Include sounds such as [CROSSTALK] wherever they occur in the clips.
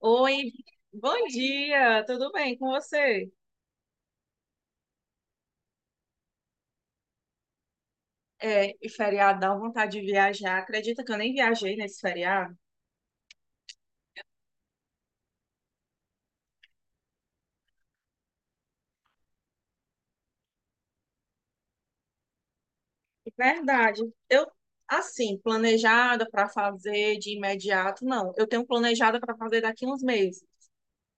Oi, bom dia, tudo bem com você? É, e feriado dá vontade de viajar. Acredita que eu nem viajei nesse feriado? Verdade. Eu, assim, planejada para fazer de imediato, não. Eu tenho planejada para fazer daqui uns meses.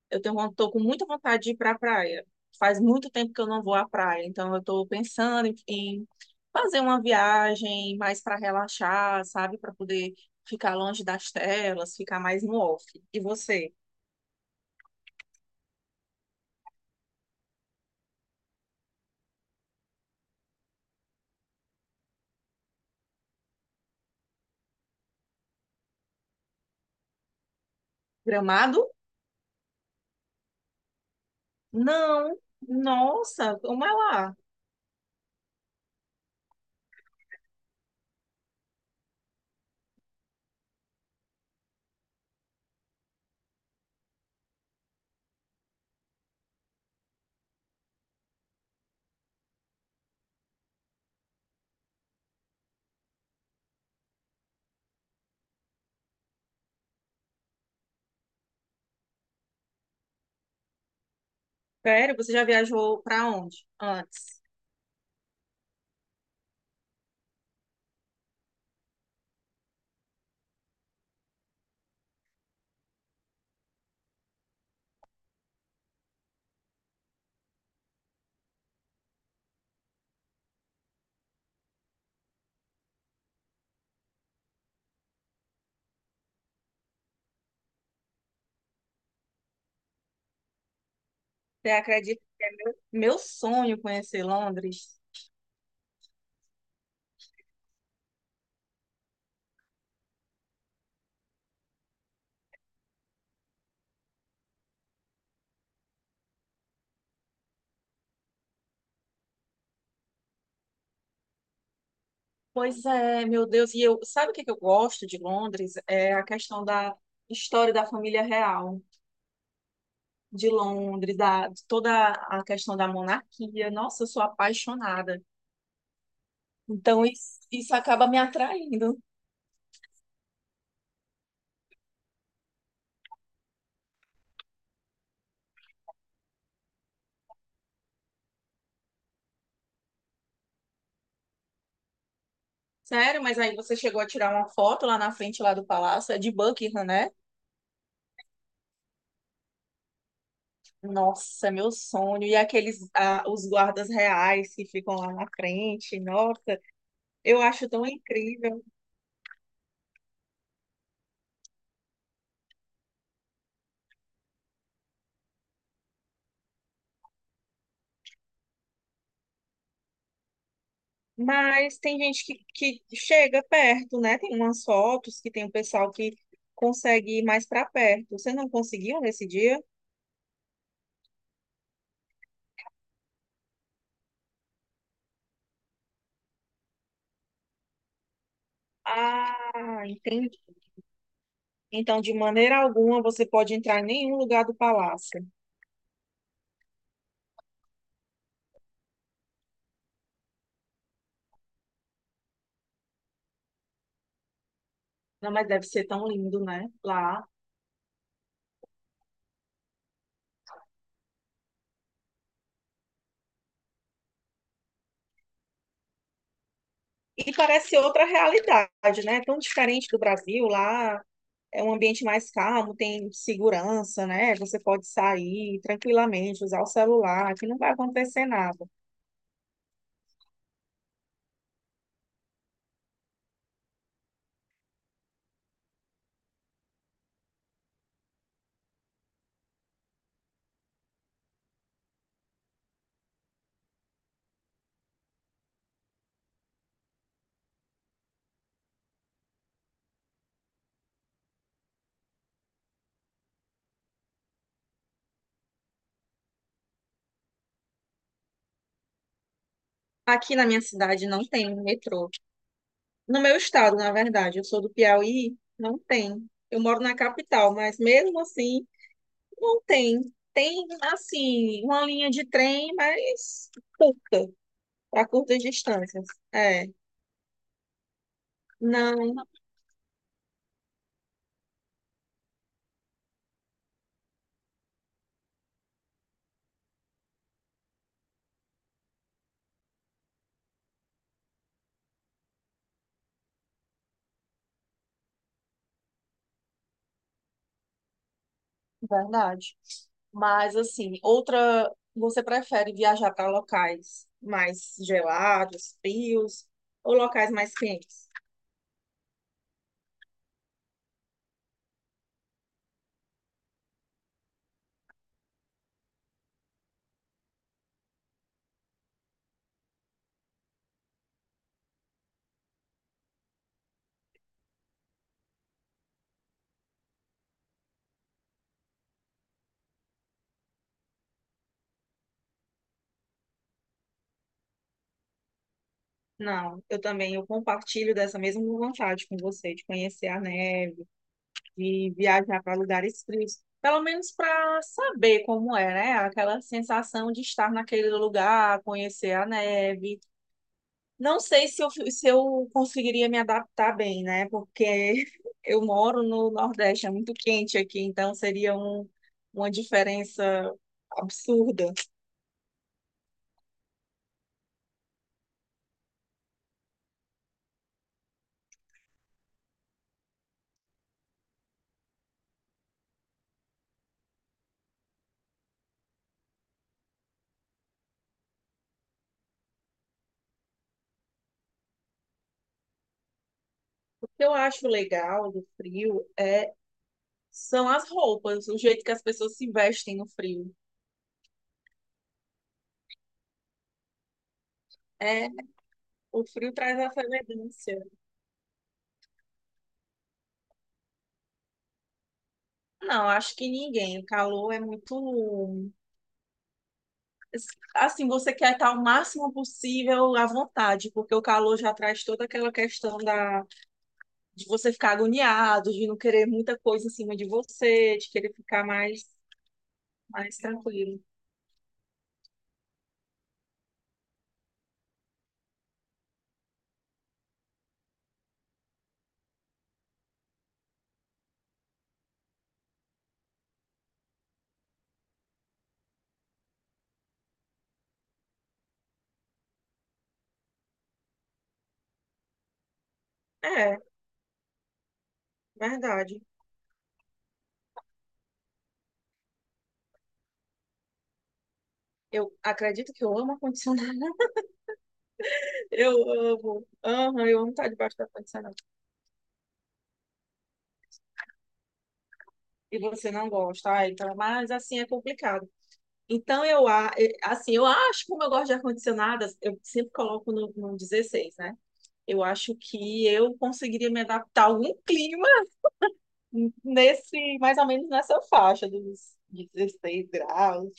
Tô com muita vontade de ir para a praia. Faz muito tempo que eu não vou à praia, então eu estou pensando em fazer uma viagem mais para relaxar, sabe? Para poder ficar longe das telas, ficar mais no off. E você? Gramado? Não, nossa, como é lá? Sério, você já viajou para onde antes? Você acredita que é meu sonho conhecer Londres? Pois é, meu Deus, e eu, sabe o que que eu gosto de Londres? É a questão da história da família real de Londres, da de toda a questão da monarquia. Nossa, eu sou apaixonada. Então isso acaba me atraindo. Sério, mas aí você chegou a tirar uma foto lá na frente lá do palácio, é de Buckingham, né? Nossa, é meu sonho. E aqueles, ah, os guardas reais que ficam lá na frente, nossa, eu acho tão incrível. Mas tem gente que chega perto, né? Tem umas fotos que tem o pessoal que consegue ir mais para perto. Você não conseguiu nesse dia? Ah, entendi. Então, de maneira alguma, você pode entrar em nenhum lugar do palácio. Não, mas deve ser tão lindo, né? Lá. E parece outra realidade, né? Tão diferente do Brasil lá. É um ambiente mais calmo, tem segurança, né? Você pode sair tranquilamente, usar o celular, que não vai acontecer nada. Aqui na minha cidade não tem um metrô. No meu estado, na verdade, eu sou do Piauí, não tem. Eu moro na capital, mas mesmo assim, não tem. Tem, assim, uma linha de trem, mas curta, para curtas distâncias. É, não. Verdade. Mas assim, outra, você prefere viajar para locais mais gelados, frios ou locais mais quentes? Não, eu também eu compartilho dessa mesma vontade com você de conhecer a neve, de viajar para lugares frios, pelo menos para saber como é, né? Aquela sensação de estar naquele lugar, conhecer a neve. Não sei se eu conseguiria me adaptar bem, né? Porque [LAUGHS] eu moro no Nordeste, é muito quente aqui, então seria um, uma diferença absurda. O que eu acho legal do frio é, são as roupas, o jeito que as pessoas se vestem no frio. É, o frio traz essa elegância. Não, acho que ninguém. O calor é muito. Assim, você quer estar o máximo possível à vontade, porque o calor já traz toda aquela questão da de você ficar agoniado, de não querer muita coisa em cima de você, de querer ficar mais, mais tranquilo. É, verdade. Eu acredito que eu amo ar-condicionado. [LAUGHS] Eu amo. Aham, eu amo estar debaixo do ar-condicionado. E você não gosta. Ah, então, mas assim é complicado. Então, eu, assim, eu acho, como eu gosto de ar-condicionado, eu sempre coloco no 16, né? Eu acho que eu conseguiria me adaptar a algum clima nesse, mais ou menos nessa faixa dos 16 graus.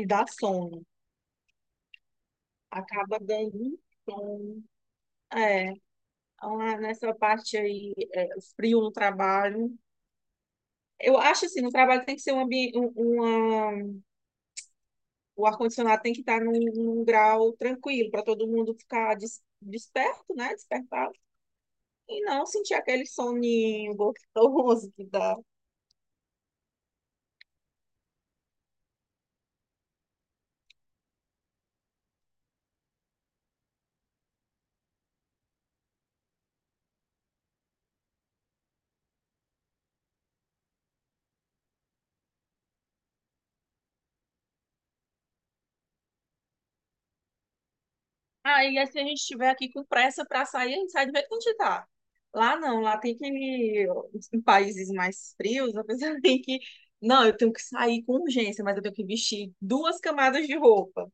E dá sono. Acaba dando um sono. É, lá nessa parte aí, é, frio no trabalho. Eu acho assim, no trabalho tem que ser um ambiente, um, uma, o ar-condicionado tem que estar num, num grau tranquilo para todo mundo ficar desperto, né? Despertado. E não sentir aquele soninho gostoso que dá. Aí, se a gente estiver aqui com pressa para sair, a gente sai do jeito que a gente tá. Lá não, lá tem que. Em países mais frios, a pessoa [LAUGHS] tem que. Não, eu tenho que sair com urgência, mas eu tenho que vestir duas camadas de roupa.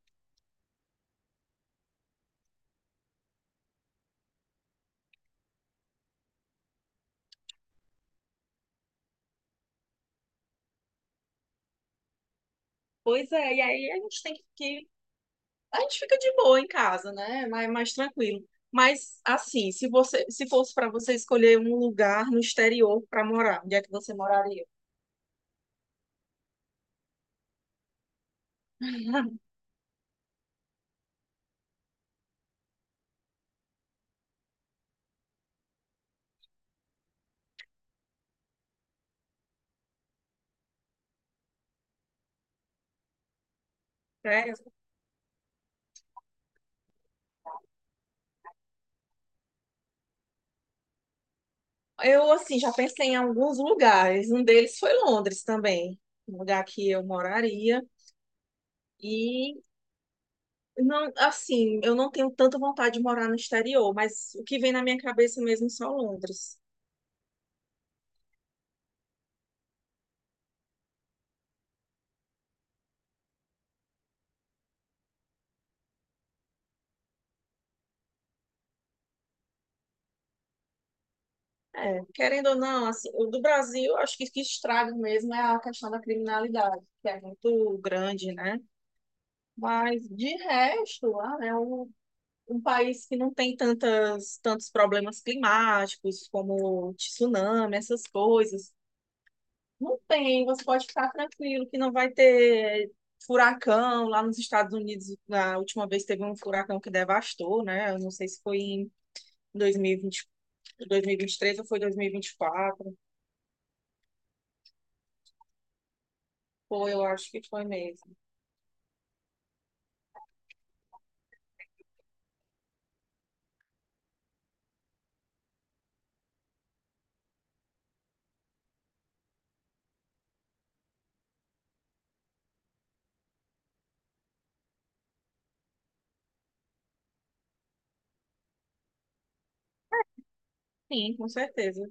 Pois é, e aí a gente tem que. Que- A gente fica de boa em casa, né? Mais, mais tranquilo. Mas, assim, se você, se fosse para você escolher um lugar no exterior para morar, onde é que você moraria? [LAUGHS] É. Eu, assim, já pensei em alguns lugares. Um deles foi Londres também, um lugar que eu moraria. E, não, assim, eu não tenho tanta vontade de morar no exterior, mas o que vem na minha cabeça mesmo é só Londres. É, querendo ou não, assim, o do Brasil, eu acho que o que estraga mesmo é a questão da criminalidade, que é muito grande, né? Mas, de resto, lá, é o um país que não tem tantas, tantos problemas climáticos, como tsunami, essas coisas. Não tem, você pode ficar tranquilo que não vai ter furacão. Lá nos Estados Unidos, na última vez teve um furacão que devastou, né? Eu não sei se foi em dois dois mil mil e e vinte 2023 ou foi dois mil e vinte e quatro. Foi, eu acho que foi mesmo. Sim, com certeza.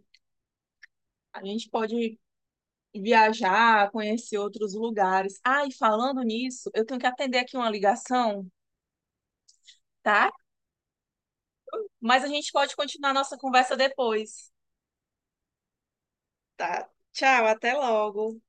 A gente pode viajar, conhecer outros lugares. Ah, e falando nisso, eu tenho que atender aqui uma ligação, tá? Mas a gente pode continuar nossa conversa depois, tá? Tchau, até logo.